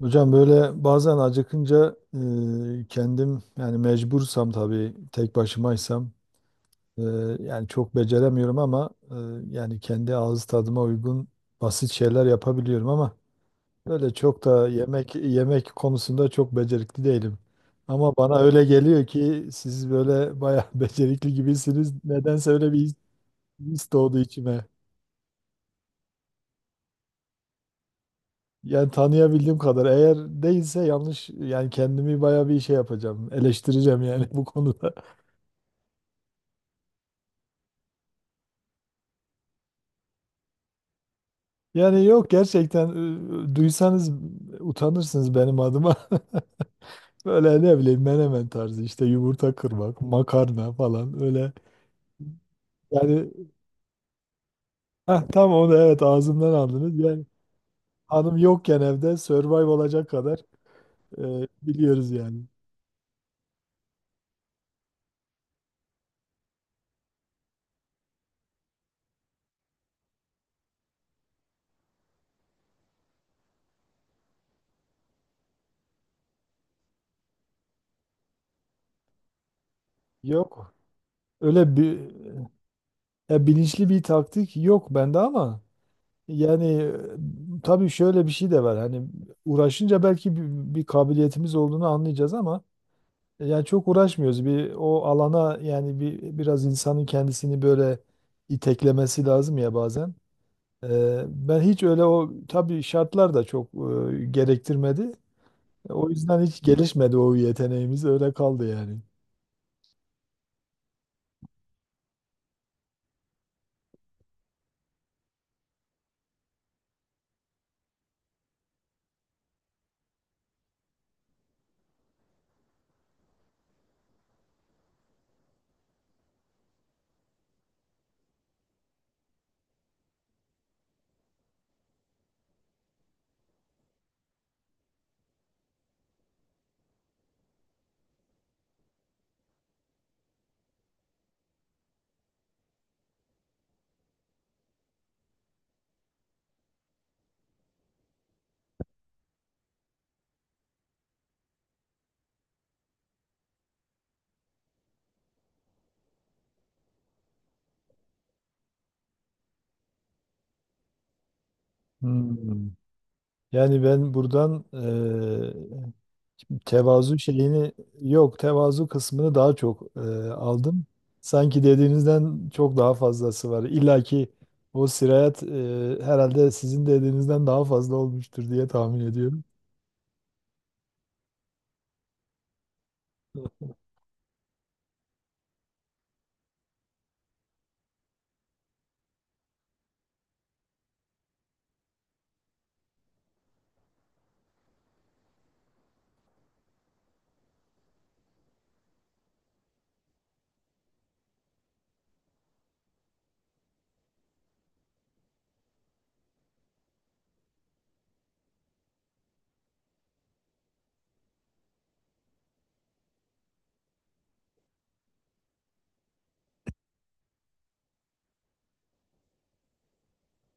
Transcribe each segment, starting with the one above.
Hocam böyle bazen acıkınca kendim yani mecbursam tabii tek başımaysam e, yani çok beceremiyorum ama yani kendi ağız tadıma uygun basit şeyler yapabiliyorum ama böyle çok da yemek yemek konusunda çok becerikli değilim. Ama bana öyle geliyor ki siz böyle bayağı becerikli gibisiniz. Nedense öyle bir his doğdu içime. Yani tanıyabildiğim kadar. Eğer değilse yanlış yani kendimi bayağı bir şey yapacağım. Eleştireceğim yani bu konuda. Yani yok gerçekten duysanız utanırsınız benim adıma. Böyle ne bileyim menemen tarzı işte yumurta kırmak, makarna falan öyle. Yani heh, tam onu evet ağzımdan aldınız. Yani hanım yokken evde survive olacak kadar e, biliyoruz yani. Yok. Öyle bir ya bilinçli bir taktik yok bende ama yani tabii şöyle bir şey de var. Hani uğraşınca belki bir kabiliyetimiz olduğunu anlayacağız ama yani çok uğraşmıyoruz. Bir o alana yani bir biraz insanın kendisini böyle iteklemesi lazım ya bazen. Ben hiç öyle o tabii şartlar da çok gerektirmedi. O yüzden hiç gelişmedi o yeteneğimiz öyle kaldı yani. Hmm. Yani ben buradan tevazu şeyini, yok tevazu kısmını daha çok aldım. Sanki dediğinizden çok daha fazlası var. İlla ki o sirayet herhalde sizin dediğinizden daha fazla olmuştur diye tahmin ediyorum.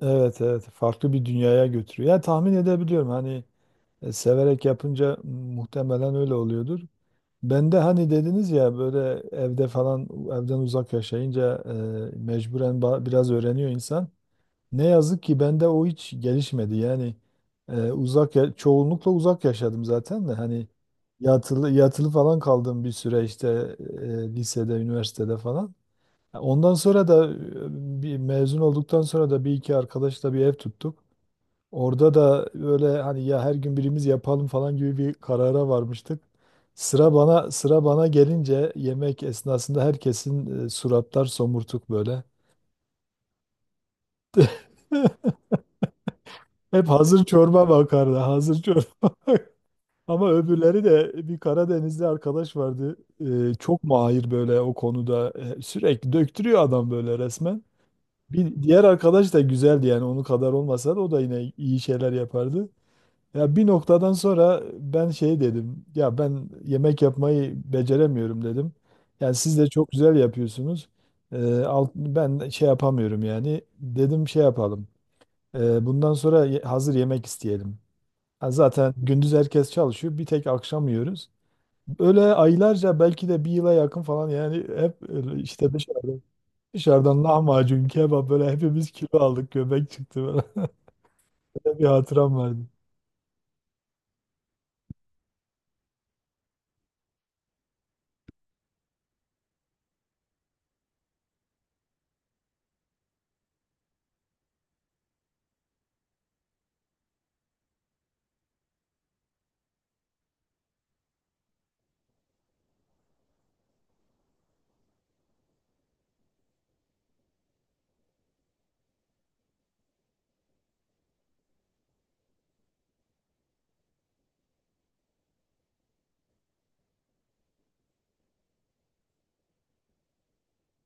Evet, evet, farklı bir dünyaya götürüyor. Ya tahmin edebiliyorum hani severek yapınca muhtemelen öyle oluyordur. Ben de hani dediniz ya böyle evde falan evden uzak yaşayınca mecburen biraz öğreniyor insan. Ne yazık ki bende o hiç gelişmedi. Yani çoğunlukla uzak yaşadım zaten de hani yatılı yatılı falan kaldığım bir süre işte lisede, üniversitede falan. Ondan sonra da bir mezun olduktan sonra da bir iki arkadaşla bir ev tuttuk. Orada da böyle hani ya her gün birimiz yapalım falan gibi bir karara varmıştık. Sıra bana sıra bana gelince yemek esnasında herkesin suratlar somurtuk böyle. Hep hazır çorba bakardı. Hazır çorba. Ama öbürleri de bir Karadenizli arkadaş vardı. Çok mahir böyle o konuda. Sürekli döktürüyor adam böyle resmen. Bir diğer arkadaş da güzeldi yani onun kadar olmasa da o da yine iyi şeyler yapardı. Ya bir noktadan sonra ben şey dedim. Ya ben yemek yapmayı beceremiyorum dedim. Yani siz de çok güzel yapıyorsunuz. Ben şey yapamıyorum yani. Dedim şey yapalım. Bundan sonra hazır yemek isteyelim. Ha, zaten gündüz herkes çalışıyor. Bir tek akşam yiyoruz. Öyle aylarca belki de bir yıla yakın falan yani hep öyle işte dışarıdan lahmacun, kebap böyle hepimiz kilo aldık. Göbek çıktı böyle. Bir hatıram vardı.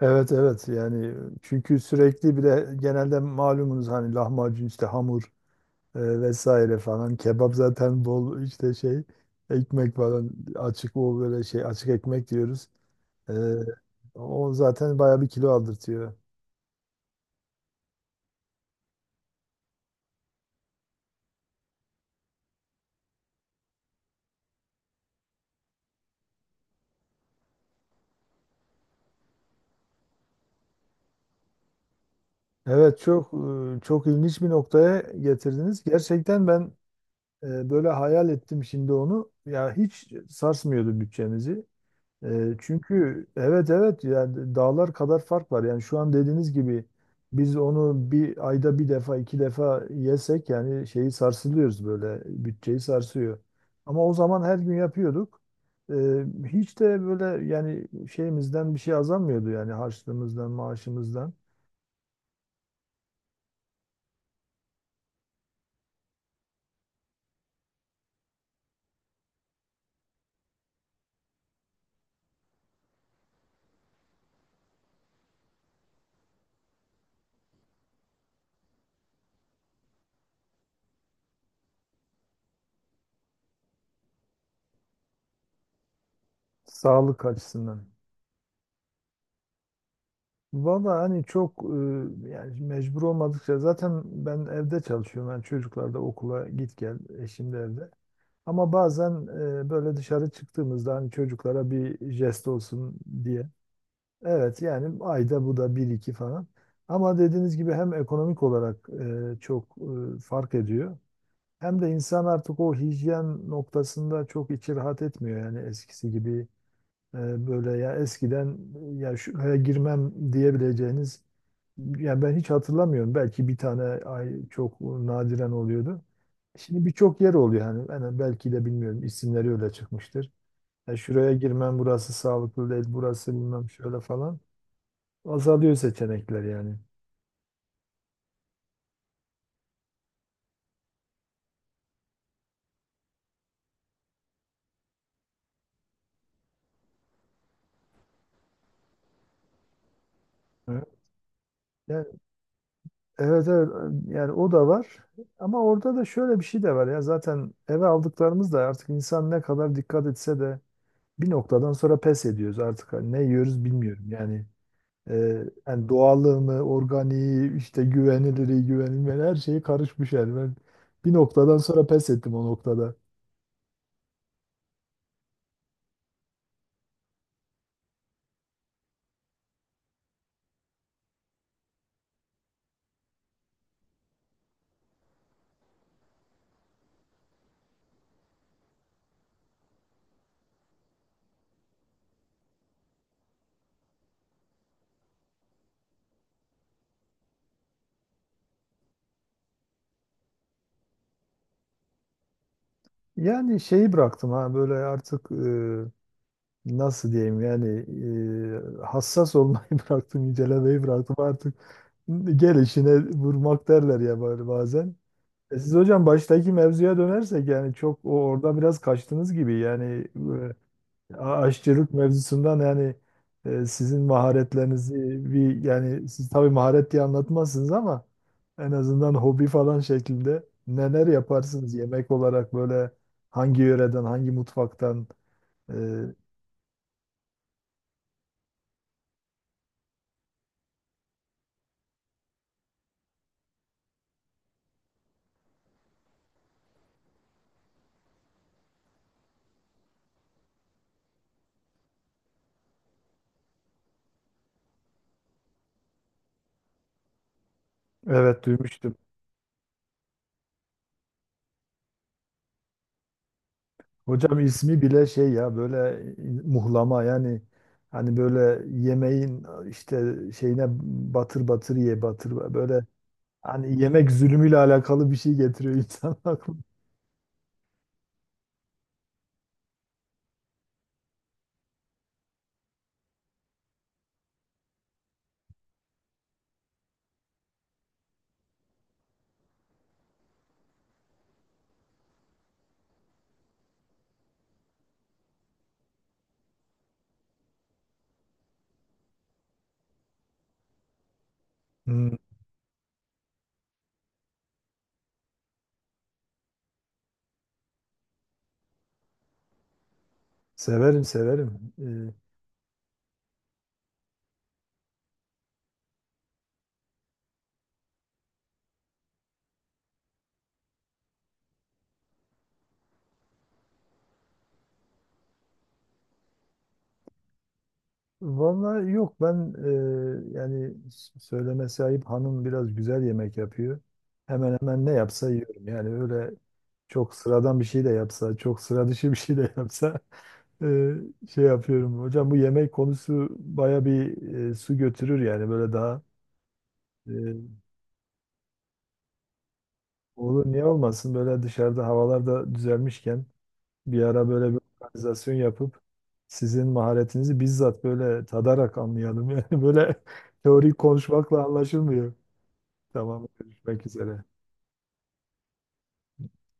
Evet, evet, yani çünkü sürekli bir de genelde malumunuz hani lahmacun işte hamur vesaire falan kebap zaten bol işte şey ekmek falan, açık o böyle şey, açık ekmek diyoruz. E, O zaten bayağı bir kilo aldırtıyor. Evet, çok çok ilginç bir noktaya getirdiniz. Gerçekten ben böyle hayal ettim şimdi onu. Ya hiç sarsmıyordu bütçemizi. Çünkü evet, evet, yani dağlar kadar fark var. Yani şu an dediğiniz gibi biz onu bir ayda bir defa iki defa yesek yani şeyi sarsılıyoruz böyle bütçeyi sarsıyor. Ama o zaman her gün yapıyorduk. E, Hiç de böyle yani şeyimizden bir şey azalmıyordu yani harçlığımızdan maaşımızdan. Sağlık açısından. Valla hani çok yani mecbur olmadıkça zaten ben evde çalışıyorum. Yani çocuklar da okula git gel, eşim de evde. Ama bazen böyle dışarı çıktığımızda hani çocuklara bir jest olsun diye. Evet yani ayda bu da bir iki falan. Ama dediğiniz gibi hem ekonomik olarak çok fark ediyor. Hem de insan artık o hijyen noktasında çok içi rahat etmiyor yani eskisi gibi böyle, ya eskiden ya şuraya girmem diyebileceğiniz, ya ben hiç hatırlamıyorum. Belki bir tane ay çok nadiren oluyordu. Şimdi birçok yer oluyor hani ben belki de bilmiyorum isimleri öyle çıkmıştır. Ya şuraya girmem, burası sağlıklı değil, burası bilmem şöyle falan. Azalıyor seçenekler yani. Evet. Yani evet, evet, yani o da var ama orada da şöyle bir şey de var, ya zaten eve aldıklarımız da artık insan ne kadar dikkat etse de bir noktadan sonra pes ediyoruz artık. Hani ne yiyoruz bilmiyorum. Yani, e, yani doğallığını, organiği, işte güvenilirliği, güvenilmeyen her şeyi karışmış yani. Ben bir noktadan sonra pes ettim o noktada. Yani şeyi bıraktım, ha böyle artık nasıl diyeyim yani hassas olmayı bıraktım, incelemeyi bıraktım artık. Gel işine vurmak derler ya böyle bazen. E siz hocam baştaki mevzuya dönersek yani çok o oradan biraz kaçtınız gibi yani e, aşçılık mevzusundan yani sizin maharetlerinizi bir, yani siz tabii maharet diye anlatmazsınız ama en azından hobi falan şeklinde neler yaparsınız yemek olarak böyle, hangi yöreden hangi mutfaktan e, evet duymuştum. Hocam ismi bile şey ya, böyle muhlama yani hani böyle yemeğin işte şeyine batır batır ye batır böyle, hani yemek zulmüyle alakalı bir şey getiriyor insan aklına. Hmm. Severim, severim. Vallahi yok, ben yani söylemesi ayıp hanım biraz güzel yemek yapıyor. Hemen hemen ne yapsa yiyorum. Yani öyle çok sıradan bir şey de yapsa, çok sıra dışı bir şey de yapsa e, şey yapıyorum. Hocam bu yemek konusu baya bir su götürür yani böyle daha e, olur niye olmasın, böyle dışarıda havalar da düzelmişken bir ara böyle bir organizasyon yapıp sizin maharetinizi bizzat böyle tadarak anlayalım. Yani böyle teorik konuşmakla anlaşılmıyor. Tamam, görüşmek üzere.